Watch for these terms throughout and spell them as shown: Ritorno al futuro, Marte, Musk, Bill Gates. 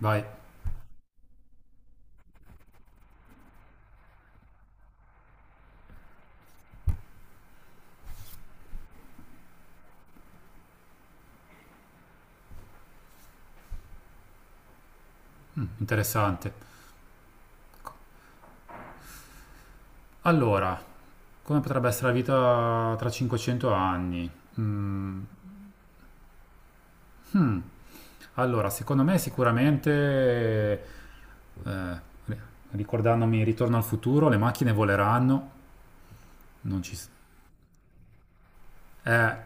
Vai, interessante. Allora, come potrebbe essere la vita tra 500 anni? Mm, allora, secondo me sicuramente, eh, ricordandomi Ritorno al futuro, le macchine voleranno, non ci... Eh,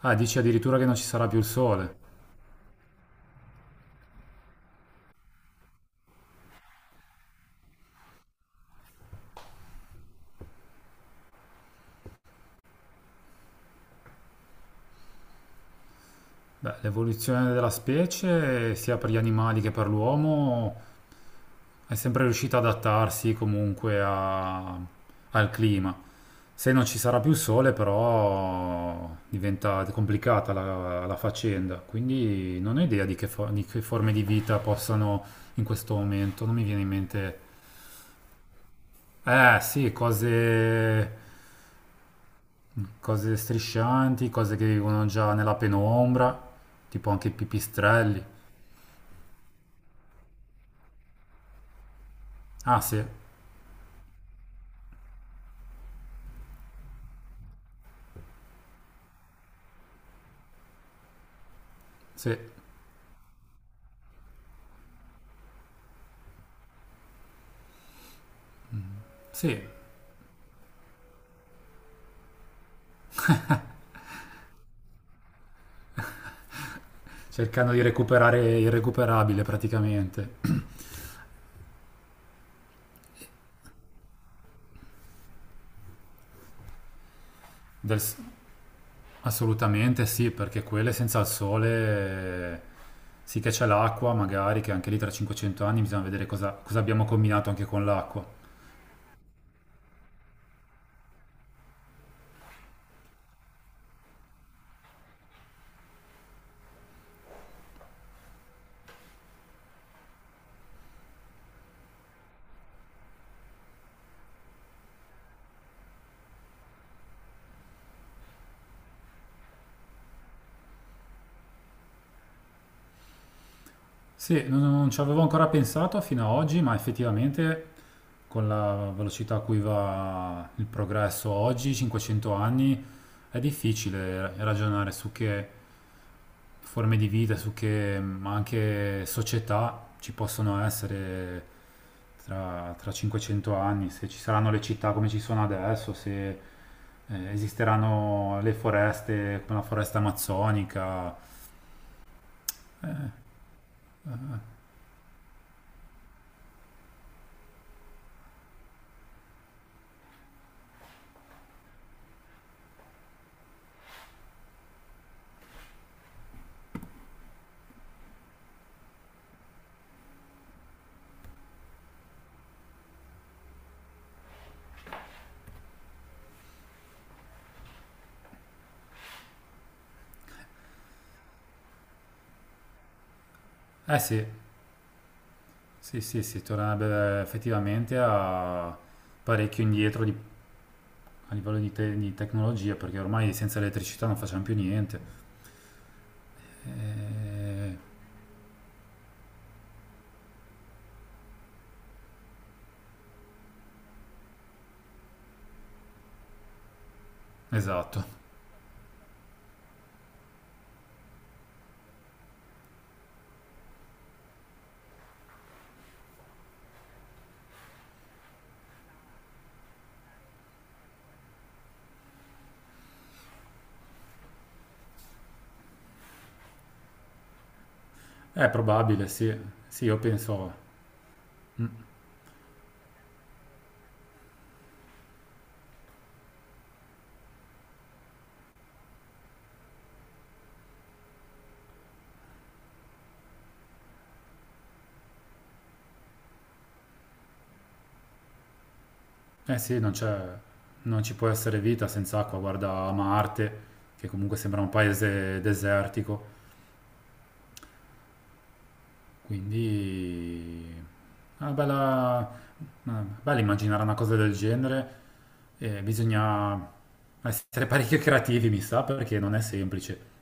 dici addirittura che non ci sarà più il sole. Beh, l'evoluzione della specie, sia per gli animali che per l'uomo, è sempre riuscito ad adattarsi comunque al clima. Se non ci sarà più sole, però diventa complicata la faccenda. Quindi non ho idea di di che forme di vita possano in questo momento. Non mi viene in mente. Eh sì, cose, cose striscianti, cose che vivono già nella penombra, tipo anche i pipistrelli. Ah sì, sì, sì. Cercando di recuperare il recuperabile praticamente. Del- Assolutamente sì, perché quelle senza il sole sì che c'è l'acqua, magari che anche lì tra 500 anni bisogna vedere cosa, cosa abbiamo combinato anche con l'acqua. Sì, non ci avevo ancora pensato fino ad oggi, ma effettivamente con la velocità a cui va il progresso oggi, 500 anni, è difficile ragionare su che forme di vita, su che ma anche società ci possono essere tra 500 anni, se ci saranno le città come ci sono adesso, se esisteranno le foreste come la foresta amazzonica. Eh sì, sì, sì, sì, tornerebbe effettivamente a parecchio indietro a livello di tecnologia, perché ormai senza elettricità non facciamo più niente. Eh, esatto, è probabile, sì. Sì, io penso, eh sì, non ci può essere vita senza acqua. Guarda Marte, che comunque sembra un paese desertico. Quindi una bella, bello immaginare una cosa del genere. Bisogna essere parecchio creativi, mi sa, perché non è semplice.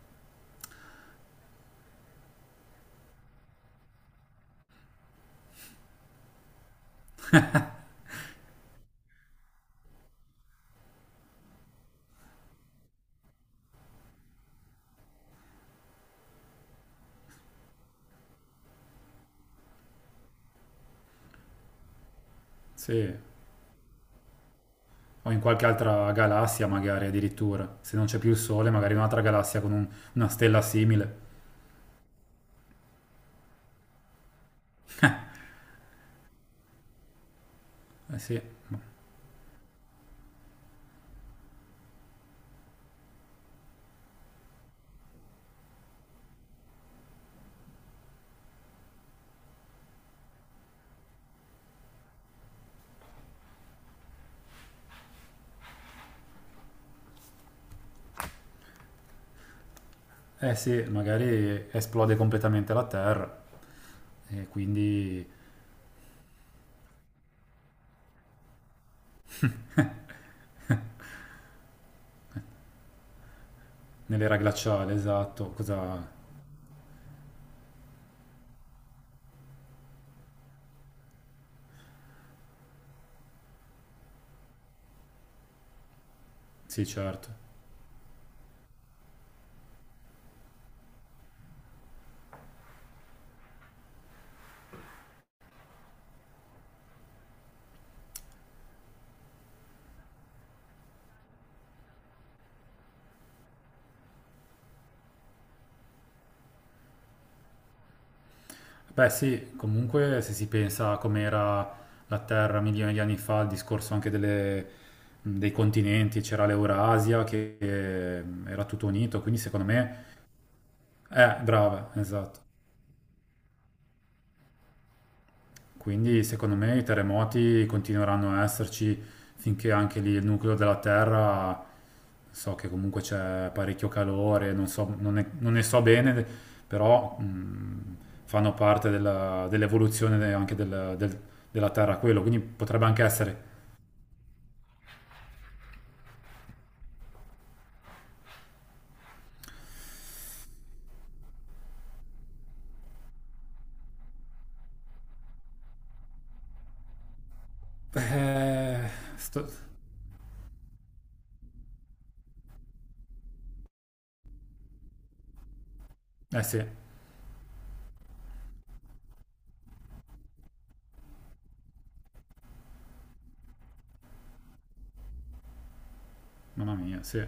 Sì, o in qualche altra galassia magari addirittura. Se non c'è più il Sole, magari in un'altra galassia con una stella simile. Eh sì. Eh sì, magari esplode completamente la Terra. E quindi nell'era glaciale, esatto. Cosa... Sì, certo. Beh sì, comunque se si pensa a com'era la Terra milioni di anni fa, il discorso anche dei continenti, c'era l'Eurasia che era tutto unito, quindi secondo me... brava, esatto. Quindi secondo me i terremoti continueranno a esserci finché anche lì il nucleo della Terra, so che comunque c'è parecchio calore, non ne so bene, però fanno parte dell'evoluzione della Terra quello, quindi potrebbe anche essere... Eh, sto- eh sì, mamma mia, sì,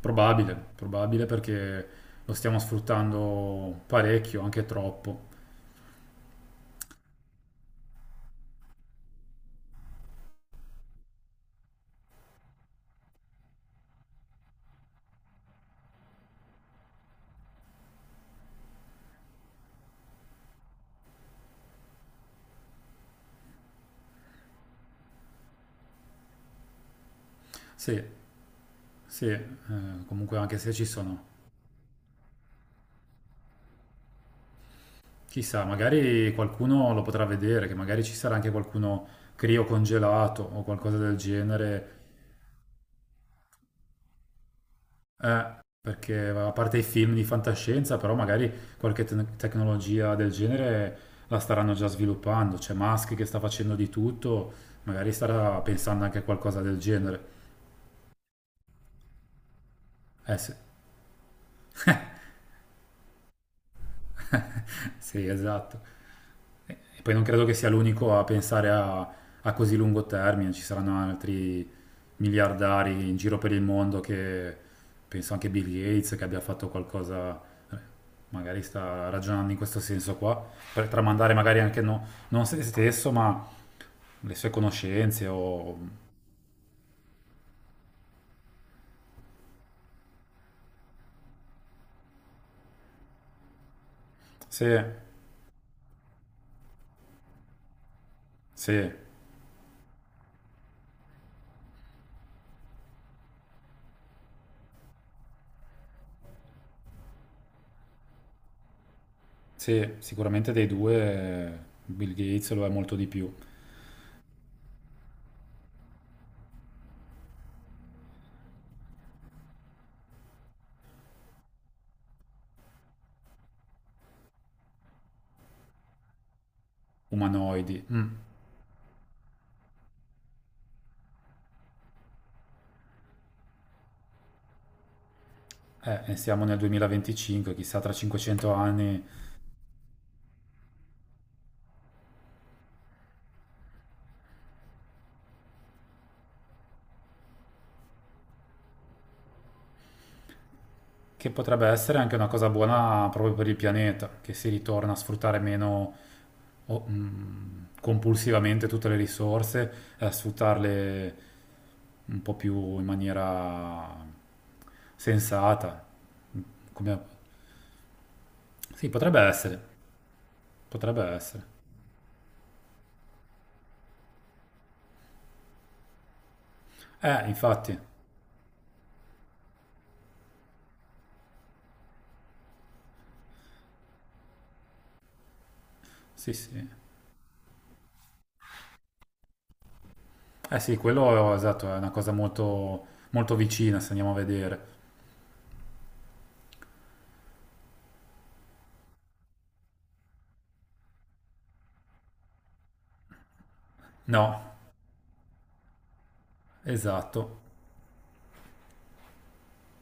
probabile, probabile perché lo stiamo sfruttando parecchio, anche troppo. Sì. Sì, comunque anche se ci sono, chissà, magari qualcuno lo potrà vedere, che magari ci sarà anche qualcuno criocongelato o qualcosa del genere, eh, perché a parte i film di fantascienza, però magari tecnologia del genere la staranno già sviluppando, c'è Musk che sta facendo di tutto, magari starà pensando anche a qualcosa del genere. Eh sì, sì, esatto. E poi non credo che sia l'unico a pensare a così lungo termine, ci saranno altri miliardari in giro per il mondo che penso anche Bill Gates che abbia fatto qualcosa, eh, magari sta ragionando in questo senso qua, per tramandare magari anche non se stesso, ma le sue conoscenze o se, se, se sicuramente dei due Bill Gates lo è molto di più, umanoidi. Mm. E siamo nel 2025, chissà tra 500 anni, che potrebbe essere anche una cosa buona proprio per il pianeta, che si ritorna a sfruttare meno compulsivamente tutte le risorse e a sfruttarle un po' più in maniera sensata. Come- Sì, potrebbe essere, potrebbe essere. Infatti, sì, sì. Eh sì, quello esatto, è una cosa molto, molto vicina se andiamo a vedere. No, esatto.